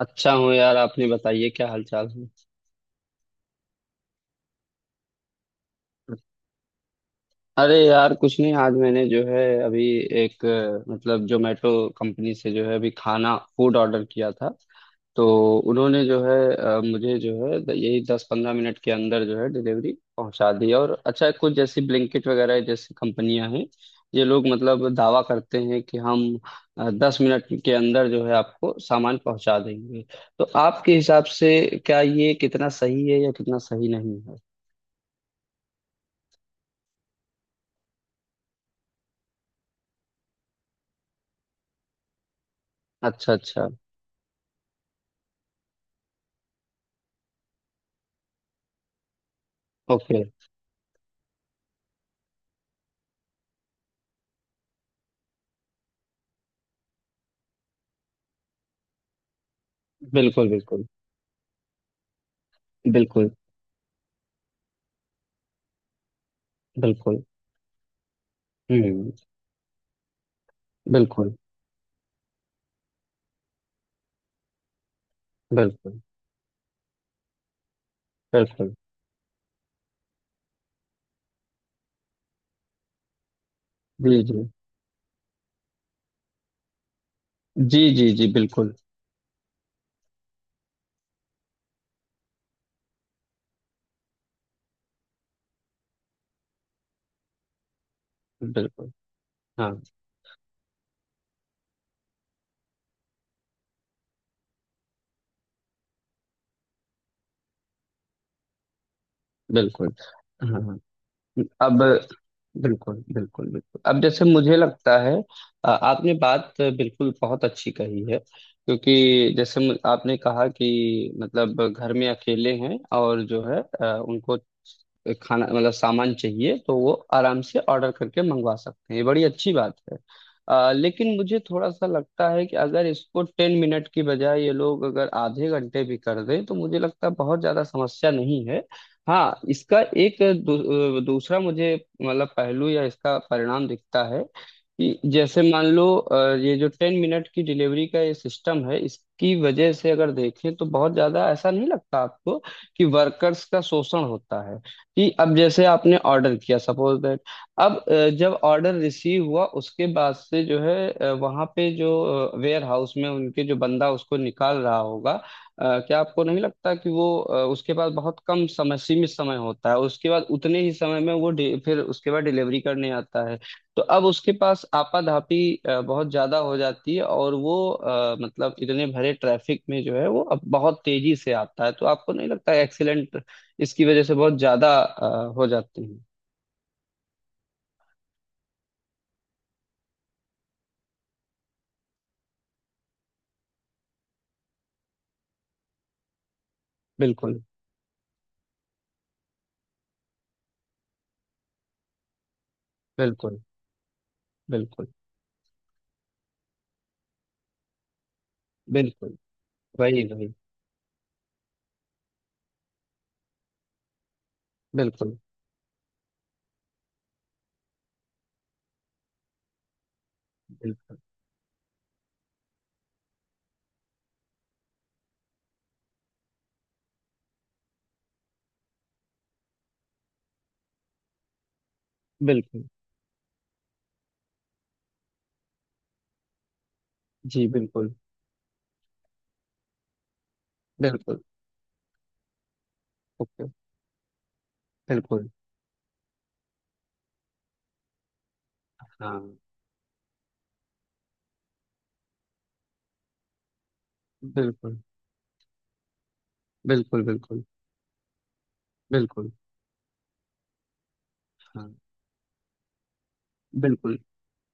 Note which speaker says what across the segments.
Speaker 1: अच्छा हूँ यार। आपने बताइए, क्या हाल चाल है? अरे यार, कुछ नहीं, आज मैंने जो है अभी एक मतलब जोमेटो कंपनी से जो है अभी खाना फूड ऑर्डर किया था। तो उन्होंने जो है मुझे जो है यही 10-15 मिनट के अंदर जो है डिलीवरी पहुंचा दी। और अच्छा, कुछ जैसी ब्लिंकिट वगैरह जैसी कंपनियां हैं, ये लोग मतलब दावा करते हैं कि हम 10 मिनट के अंदर जो है आपको सामान पहुंचा देंगे। तो आपके हिसाब से क्या ये कितना सही है या कितना सही नहीं? अच्छा अच्छा। ओके। बिल्कुल बिल्कुल बिल्कुल बिल्कुल। हम्म। बिल्कुल बिल्कुल बिल्कुल। जी जी। जी जी जी, बिल्कुल। बिल्कुल। हाँ। बिल्कुल। हाँ हाँ। अब बिल्कुल बिल्कुल बिल्कुल, अब जैसे मुझे लगता है आपने बात बिल्कुल बहुत अच्छी कही है। क्योंकि जैसे आपने कहा कि मतलब घर में अकेले हैं और जो है उनको खाना, मतलब सामान चाहिए, तो वो आराम से ऑर्डर करके मंगवा सकते हैं, ये बड़ी अच्छी बात है। लेकिन मुझे थोड़ा सा लगता है कि अगर इसको 10 मिनट की बजाय ये लोग अगर आधे घंटे भी कर दें तो मुझे लगता है बहुत ज्यादा समस्या नहीं है। हाँ, इसका एक दूसरा मुझे मतलब पहलू या इसका परिणाम दिखता है कि जैसे मान लो ये जो 10 मिनट की डिलीवरी का ये सिस्टम है, इसकी वजह से अगर देखें तो बहुत ज्यादा ऐसा नहीं लगता आपको कि वर्कर्स का शोषण होता है? कि अब जैसे आपने ऑर्डर किया सपोज दैट, अब जब ऑर्डर रिसीव हुआ उसके बाद से जो है वहां पे जो वेयर हाउस में उनके जो बंदा उसको निकाल रहा होगा, क्या आपको नहीं लगता कि वो उसके पास बहुत कम समय, सीमित समय होता है? उसके बाद उतने ही समय में वो फिर उसके बाद डिलीवरी करने आता है। तो अब उसके पास आपाधापी बहुत ज्यादा हो जाती है, और वो मतलब इतने भरे ट्रैफिक में जो है वो अब बहुत तेजी से आता है, तो आपको नहीं लगता एक्सीडेंट इसकी वजह से बहुत ज्यादा हो जाती है? बिल्कुल बिल्कुल बिल्कुल बिल्कुल। वही वही। बिल्कुल बिल्कुल बिल्कुल। जी बिल्कुल बिल्कुल। ओके। बिल्कुल। हाँ। बिल्कुल बिल्कुल बिल्कुल बिल्कुल। हाँ। बिल्कुल।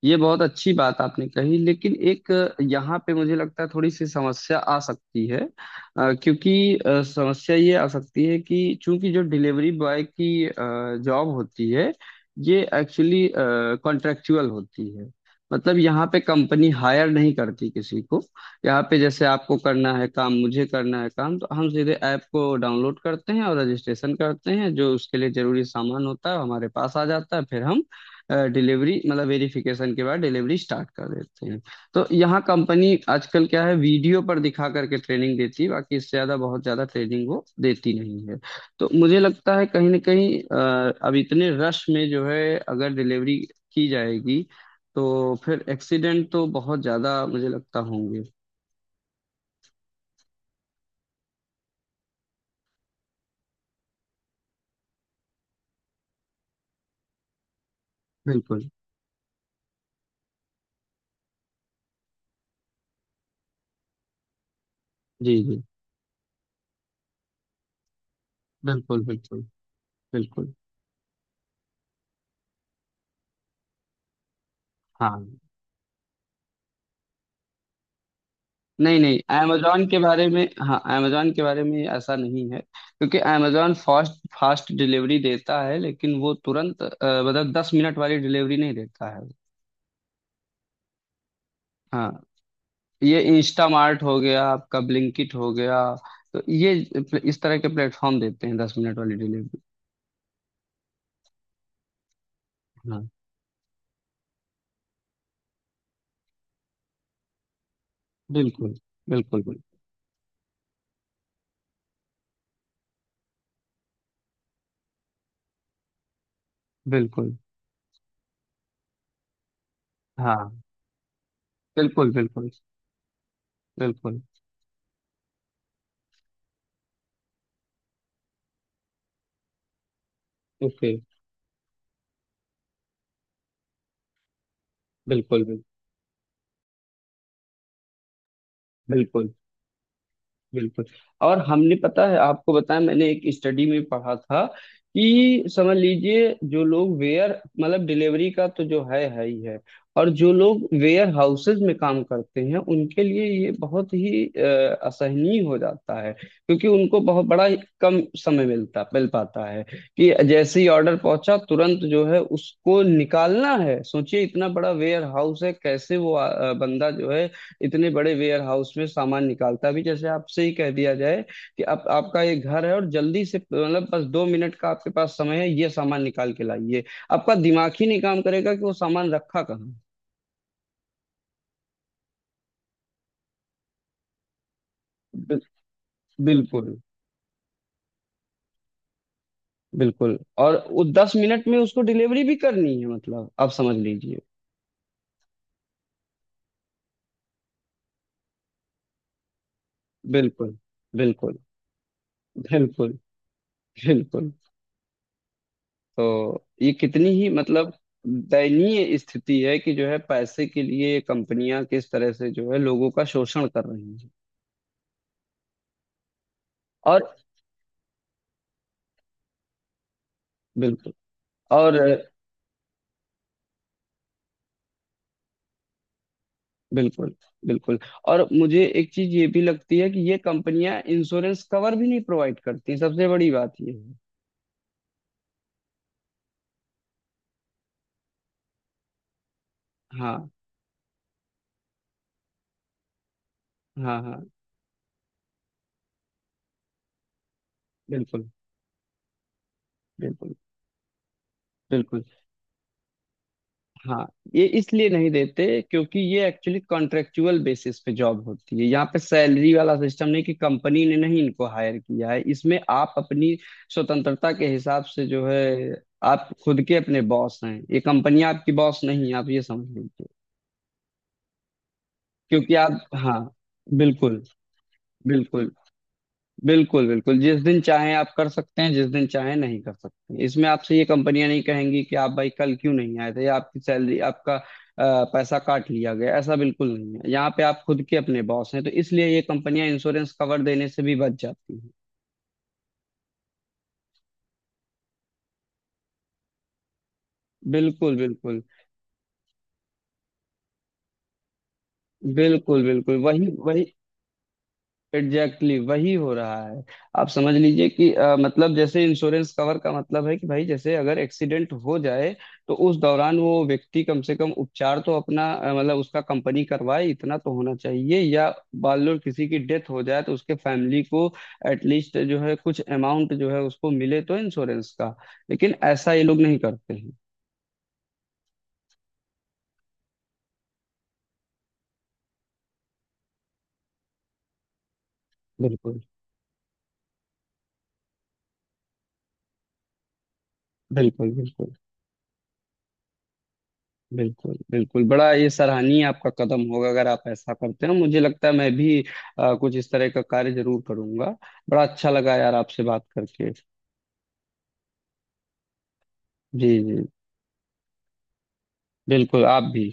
Speaker 1: ये बहुत अच्छी बात आपने कही, लेकिन एक यहाँ पे मुझे लगता है थोड़ी सी समस्या आ सकती है। क्योंकि समस्या ये आ सकती है कि चूंकि जो डिलीवरी बॉय की जॉब होती है ये एक्चुअली कॉन्ट्रेक्चुअल होती है। मतलब यहाँ पे कंपनी हायर नहीं करती किसी को। यहाँ पे जैसे आपको करना है काम, मुझे करना है काम, तो हम सीधे ऐप को डाउनलोड करते हैं और रजिस्ट्रेशन करते हैं। जो उसके लिए जरूरी सामान होता है वो हमारे पास आ जाता है, फिर हम डिलीवरी, मतलब वेरिफिकेशन के बाद डिलीवरी स्टार्ट कर देते हैं। तो यहाँ कंपनी आजकल क्या है, वीडियो पर दिखा करके ट्रेनिंग देती है, बाकी इससे ज्यादा बहुत ज्यादा ट्रेनिंग वो देती नहीं है। तो मुझे लगता है कहीं ना कहीं अब इतने रश में जो है अगर डिलीवरी की जाएगी, तो फिर एक्सीडेंट तो बहुत ज्यादा मुझे लगता होंगे। बिल्कुल। जी जी। बिल्कुल बिल्कुल बिल्कुल। हाँ। नहीं नहीं, amazon के बारे में, हाँ amazon के बारे में ऐसा नहीं है, क्योंकि amazon फास्ट फास्ट डिलीवरी देता है, लेकिन वो तुरंत मतलब 10 मिनट वाली डिलीवरी नहीं देता है। हाँ। ये इंस्टामार्ट हो गया, आपका ब्लिंकिट हो गया, तो ये इस तरह के प्लेटफॉर्म देते हैं 10 मिनट वाली डिलीवरी। हाँ। बिल्कुल बिल्कुल बिल्कुल बिल्कुल। हाँ। बिल्कुल बिल्कुल बिल्कुल। ओके। बिल्कुल बिल्कुल बिल्कुल। बिल्कुल। और हमने पता है आपको बताया, मैंने एक स्टडी में पढ़ा था कि समझ लीजिए, जो लोग वेयर, मतलब डिलीवरी का तो जो है ही है, और जो लोग वेयर हाउसेज में काम करते हैं उनके लिए ये बहुत ही असहनीय हो जाता है। क्योंकि उनको बहुत बड़ा ही कम समय मिल पाता है कि जैसे ही ऑर्डर पहुंचा तुरंत जो है उसको निकालना है। सोचिए, इतना बड़ा वेयर हाउस है, कैसे वो बंदा जो है इतने बड़े वेयर हाउस में सामान निकालता? भी जैसे आपसे ही कह दिया जाए कि आप, आपका ये घर है, और जल्दी से, मतलब बस 2 मिनट का आपके पास समय है, ये सामान निकाल के लाइए, आपका दिमाग ही नहीं काम करेगा कि वो सामान रखा कहाँ। बिल- बिल्कुल बिल्कुल। और वो 10 मिनट में उसको डिलीवरी भी करनी है, मतलब आप समझ लीजिए। बिल्कुल बिल्कुल बिल्कुल बिल्कुल। तो ये कितनी ही मतलब दयनीय स्थिति है कि जो है पैसे के लिए ये कंपनियां किस तरह से जो है लोगों का शोषण कर रही हैं। और बिल्कुल। और बिल्कुल बिल्कुल। और मुझे एक चीज ये भी लगती है कि ये कंपनियां इंश्योरेंस कवर भी नहीं प्रोवाइड करती, सबसे बड़ी बात ये है। हाँ हाँ हाँ बिल्कुल बिल्कुल बिल्कुल। हाँ, ये इसलिए नहीं देते क्योंकि ये एक्चुअली कॉन्ट्रेक्चुअल बेसिस पे जॉब होती है, यहाँ पे सैलरी वाला सिस्टम नहीं कि कंपनी ने नहीं इनको हायर किया है। इसमें आप अपनी स्वतंत्रता के हिसाब से जो है आप खुद के अपने बॉस हैं, ये कंपनी आपकी बॉस नहीं है, आप ये समझ लीजिए। क्योंकि आप, हाँ, बिल्कुल बिल्कुल बिल्कुल बिल्कुल। जिस दिन चाहें आप कर सकते हैं, जिस दिन चाहें नहीं कर सकते हैं, इसमें आपसे ये कंपनियां नहीं कहेंगी कि आप भाई कल क्यों नहीं आए थे, या आपकी सैलरी, आपका पैसा काट लिया गया, ऐसा बिल्कुल नहीं है। यहाँ पे आप खुद के अपने बॉस हैं, तो इसलिए ये कंपनियां इंश्योरेंस कवर देने से भी बच जाती हैं। बिल्कुल बिल्कुल बिल्कुल बिल्कुल। वही वही। एग्जैक्टली Exactly, वही हो रहा है। आप समझ लीजिए कि मतलब जैसे इंश्योरेंस कवर का मतलब है कि भाई, जैसे अगर एक्सीडेंट हो जाए तो उस दौरान वो व्यक्ति कम से कम उपचार तो अपना मतलब उसका कंपनी करवाए, इतना तो होना चाहिए। या मान लो किसी की डेथ हो जाए तो उसके फैमिली को एटलीस्ट जो है कुछ अमाउंट जो है उसको मिले तो इंश्योरेंस का। लेकिन ऐसा ये लोग नहीं करते हैं। बिल्कुल बिल्कुल बिल्कुल बिल्कुल बिल्कुल। बड़ा ये सराहनीय आपका कदम होगा अगर आप ऐसा करते हो, मुझे लगता है मैं भी कुछ इस तरह का कार्य जरूर करूंगा। बड़ा अच्छा लगा यार, आपसे बात करके। जी जी। बिल्कुल, आप भी।